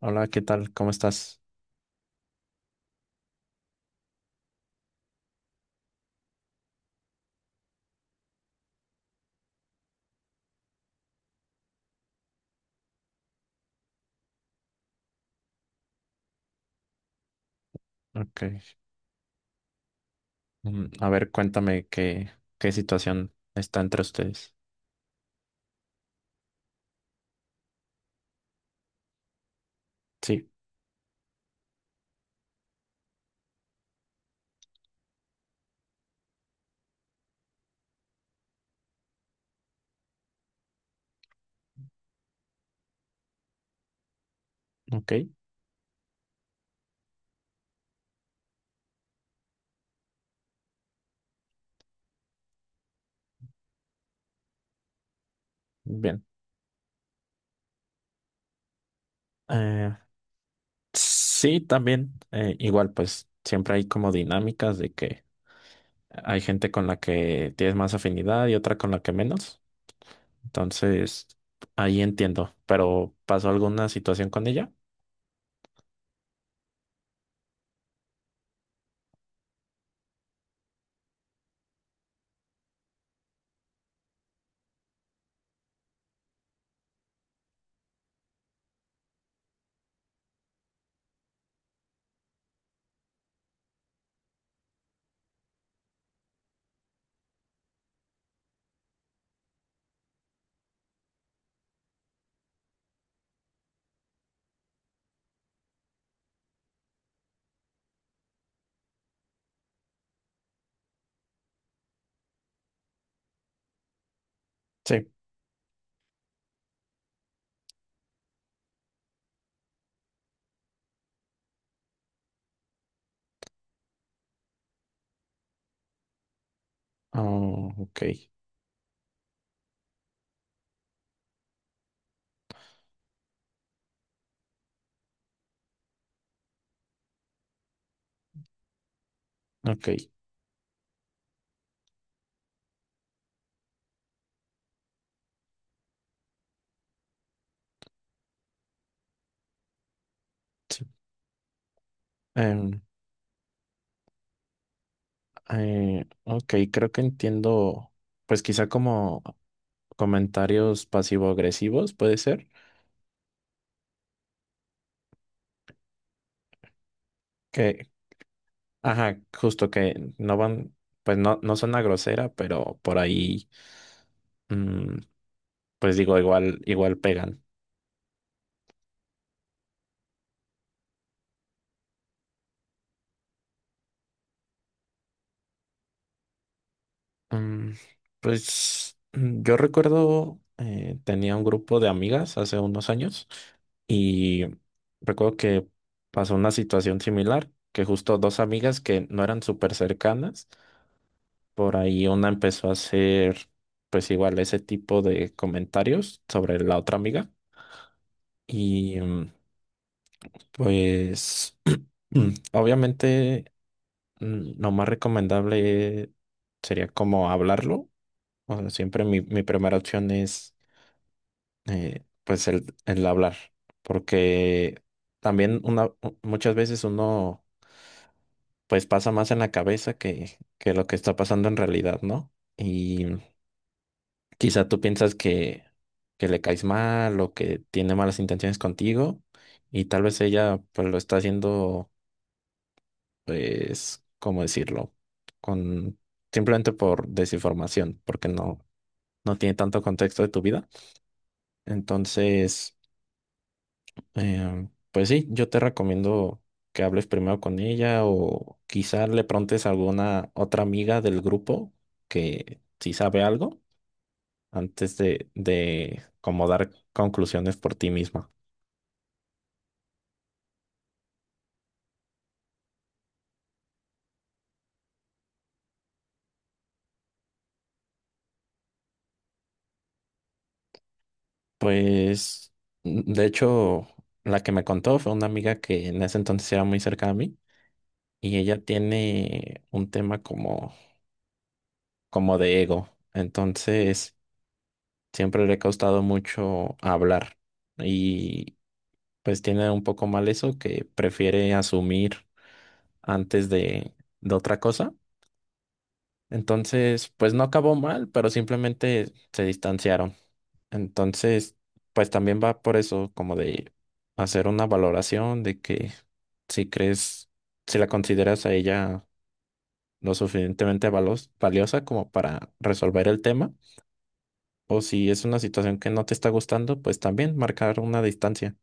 Hola, ¿qué tal? ¿Cómo estás? Ok. A ver, cuéntame qué situación está entre ustedes. Sí, ok, bien. Eh, sí, también, igual, pues siempre hay como dinámicas de que hay gente con la que tienes más afinidad y otra con la que menos. Entonces, ahí entiendo. Pero, ¿pasó alguna situación con ella? Sí. Oh, ok, ok, sí. Em, ok, creo que entiendo. Pues quizá como comentarios pasivo-agresivos, puede ser, que, ajá, justo que no van, pues no, no son a grosera, pero por ahí, mm, pues digo, igual, igual pegan. Mm, pues yo recuerdo, tenía un grupo de amigas hace unos años y recuerdo que pasó una situación similar, que justo dos amigas que no eran súper cercanas. Por ahí una empezó a hacer, pues igual, ese tipo de comentarios sobre la otra amiga. Y pues, obviamente, lo más recomendable sería como hablarlo. O sea, siempre mi primera opción es, pues, el hablar. Porque también muchas veces uno, pues, pasa más en la cabeza que lo que está pasando en realidad, ¿no? Quizá tú piensas que le caes mal o que tiene malas intenciones contigo y tal vez ella pues lo está haciendo, pues, ¿cómo decirlo? Con simplemente por desinformación, porque no, no tiene tanto contexto de tu vida. Entonces, pues sí, yo te recomiendo que hables primero con ella o quizá le preguntes a alguna otra amiga del grupo que sí sabe algo antes de como dar conclusiones por ti misma. Pues, de hecho, la que me contó fue una amiga que en ese entonces era muy cerca a mí y ella tiene un tema como, como de ego. Entonces, siempre le ha costado mucho hablar y pues tiene un poco mal eso que prefiere asumir antes de otra cosa. Entonces, pues no acabó mal, pero simplemente se distanciaron. Entonces, pues también va por eso, como de hacer una valoración de que si crees, si la consideras a ella lo suficientemente valiosa como para resolver el tema, o si es una situación que no te está gustando, pues también marcar una distancia.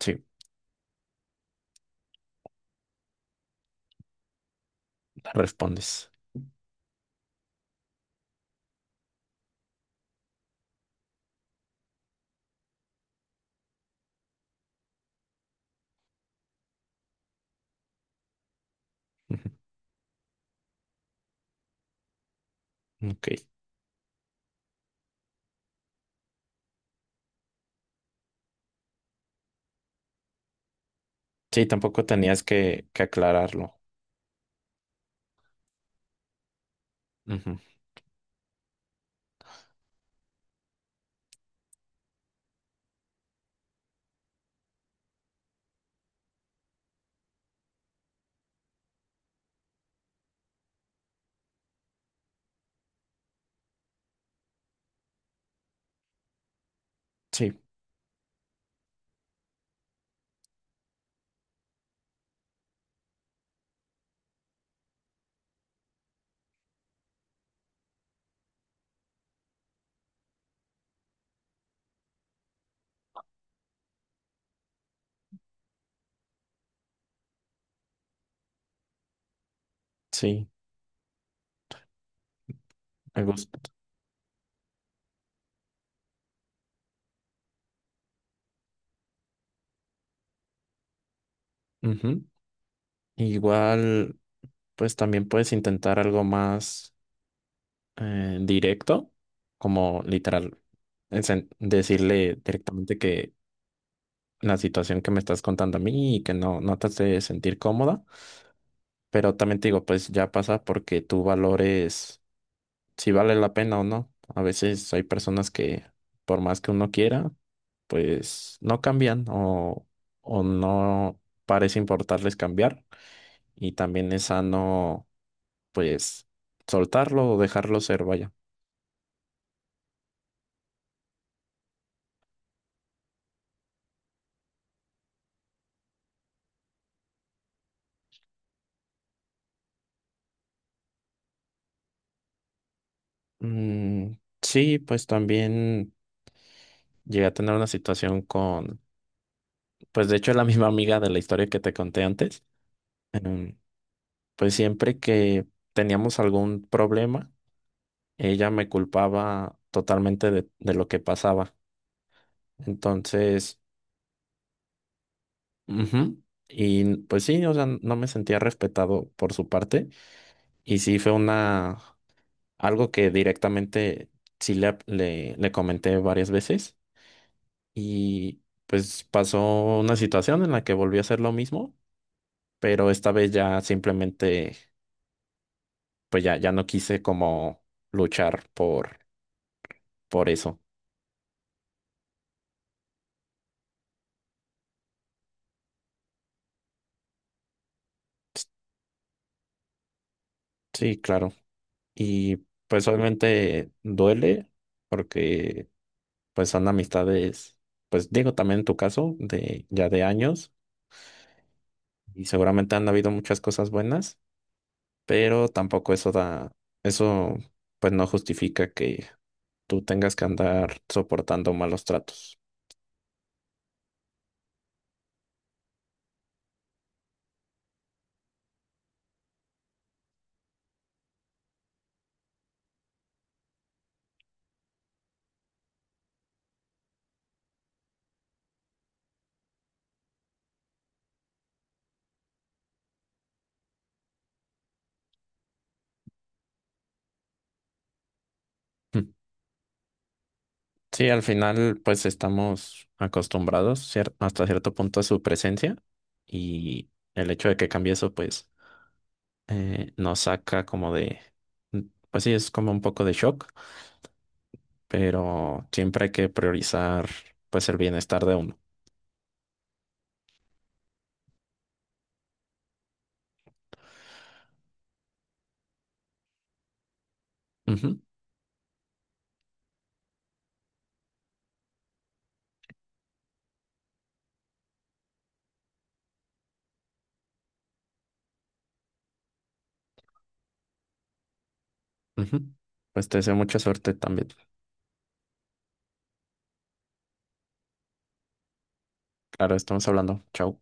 Sí, respondes. Ujú, ok. Sí, tampoco tenías que aclararlo. Ujú, sí, sí, me gusta. Ujú. Igual, pues también puedes intentar algo más directo, como literal, decirle directamente que la situación que me estás contando a mí y que no, no te hace sentir cómoda, pero también te digo, pues ya pasa porque tú valores si vale la pena o no. A veces hay personas que por más que uno quiera, pues no cambian o no parece importarles cambiar y también es sano, pues soltarlo o dejarlo ser, vaya. Mm, sí, pues también llegué a tener una situación con, pues de hecho es la misma amiga de la historia que te conté antes. Em, pues siempre que teníamos algún problema, ella me culpaba totalmente de lo que pasaba. Entonces, ujú, y pues sí, o sea, no me sentía respetado por su parte. Y sí fue una, algo que directamente sí le comenté varias veces. Y pues pasó una situación en la que volví a hacer lo mismo, pero esta vez ya simplemente, pues ya no quise como luchar por eso. Sí, claro. Y pues obviamente duele porque pues son amistades, pues digo también en tu caso, de ya de años y seguramente han habido muchas cosas buenas, pero tampoco eso da, eso pues no justifica que tú tengas que andar soportando malos tratos. Sí, al final pues estamos acostumbrados hasta cierto punto a su presencia y el hecho de que cambie eso pues nos saca como de, mm, pues sí, es como un poco de shock, pero siempre hay que priorizar pues el bienestar de uno. Ujú, ujú. Pues te deseo mucha suerte también. Claro, estamos hablando. Chao.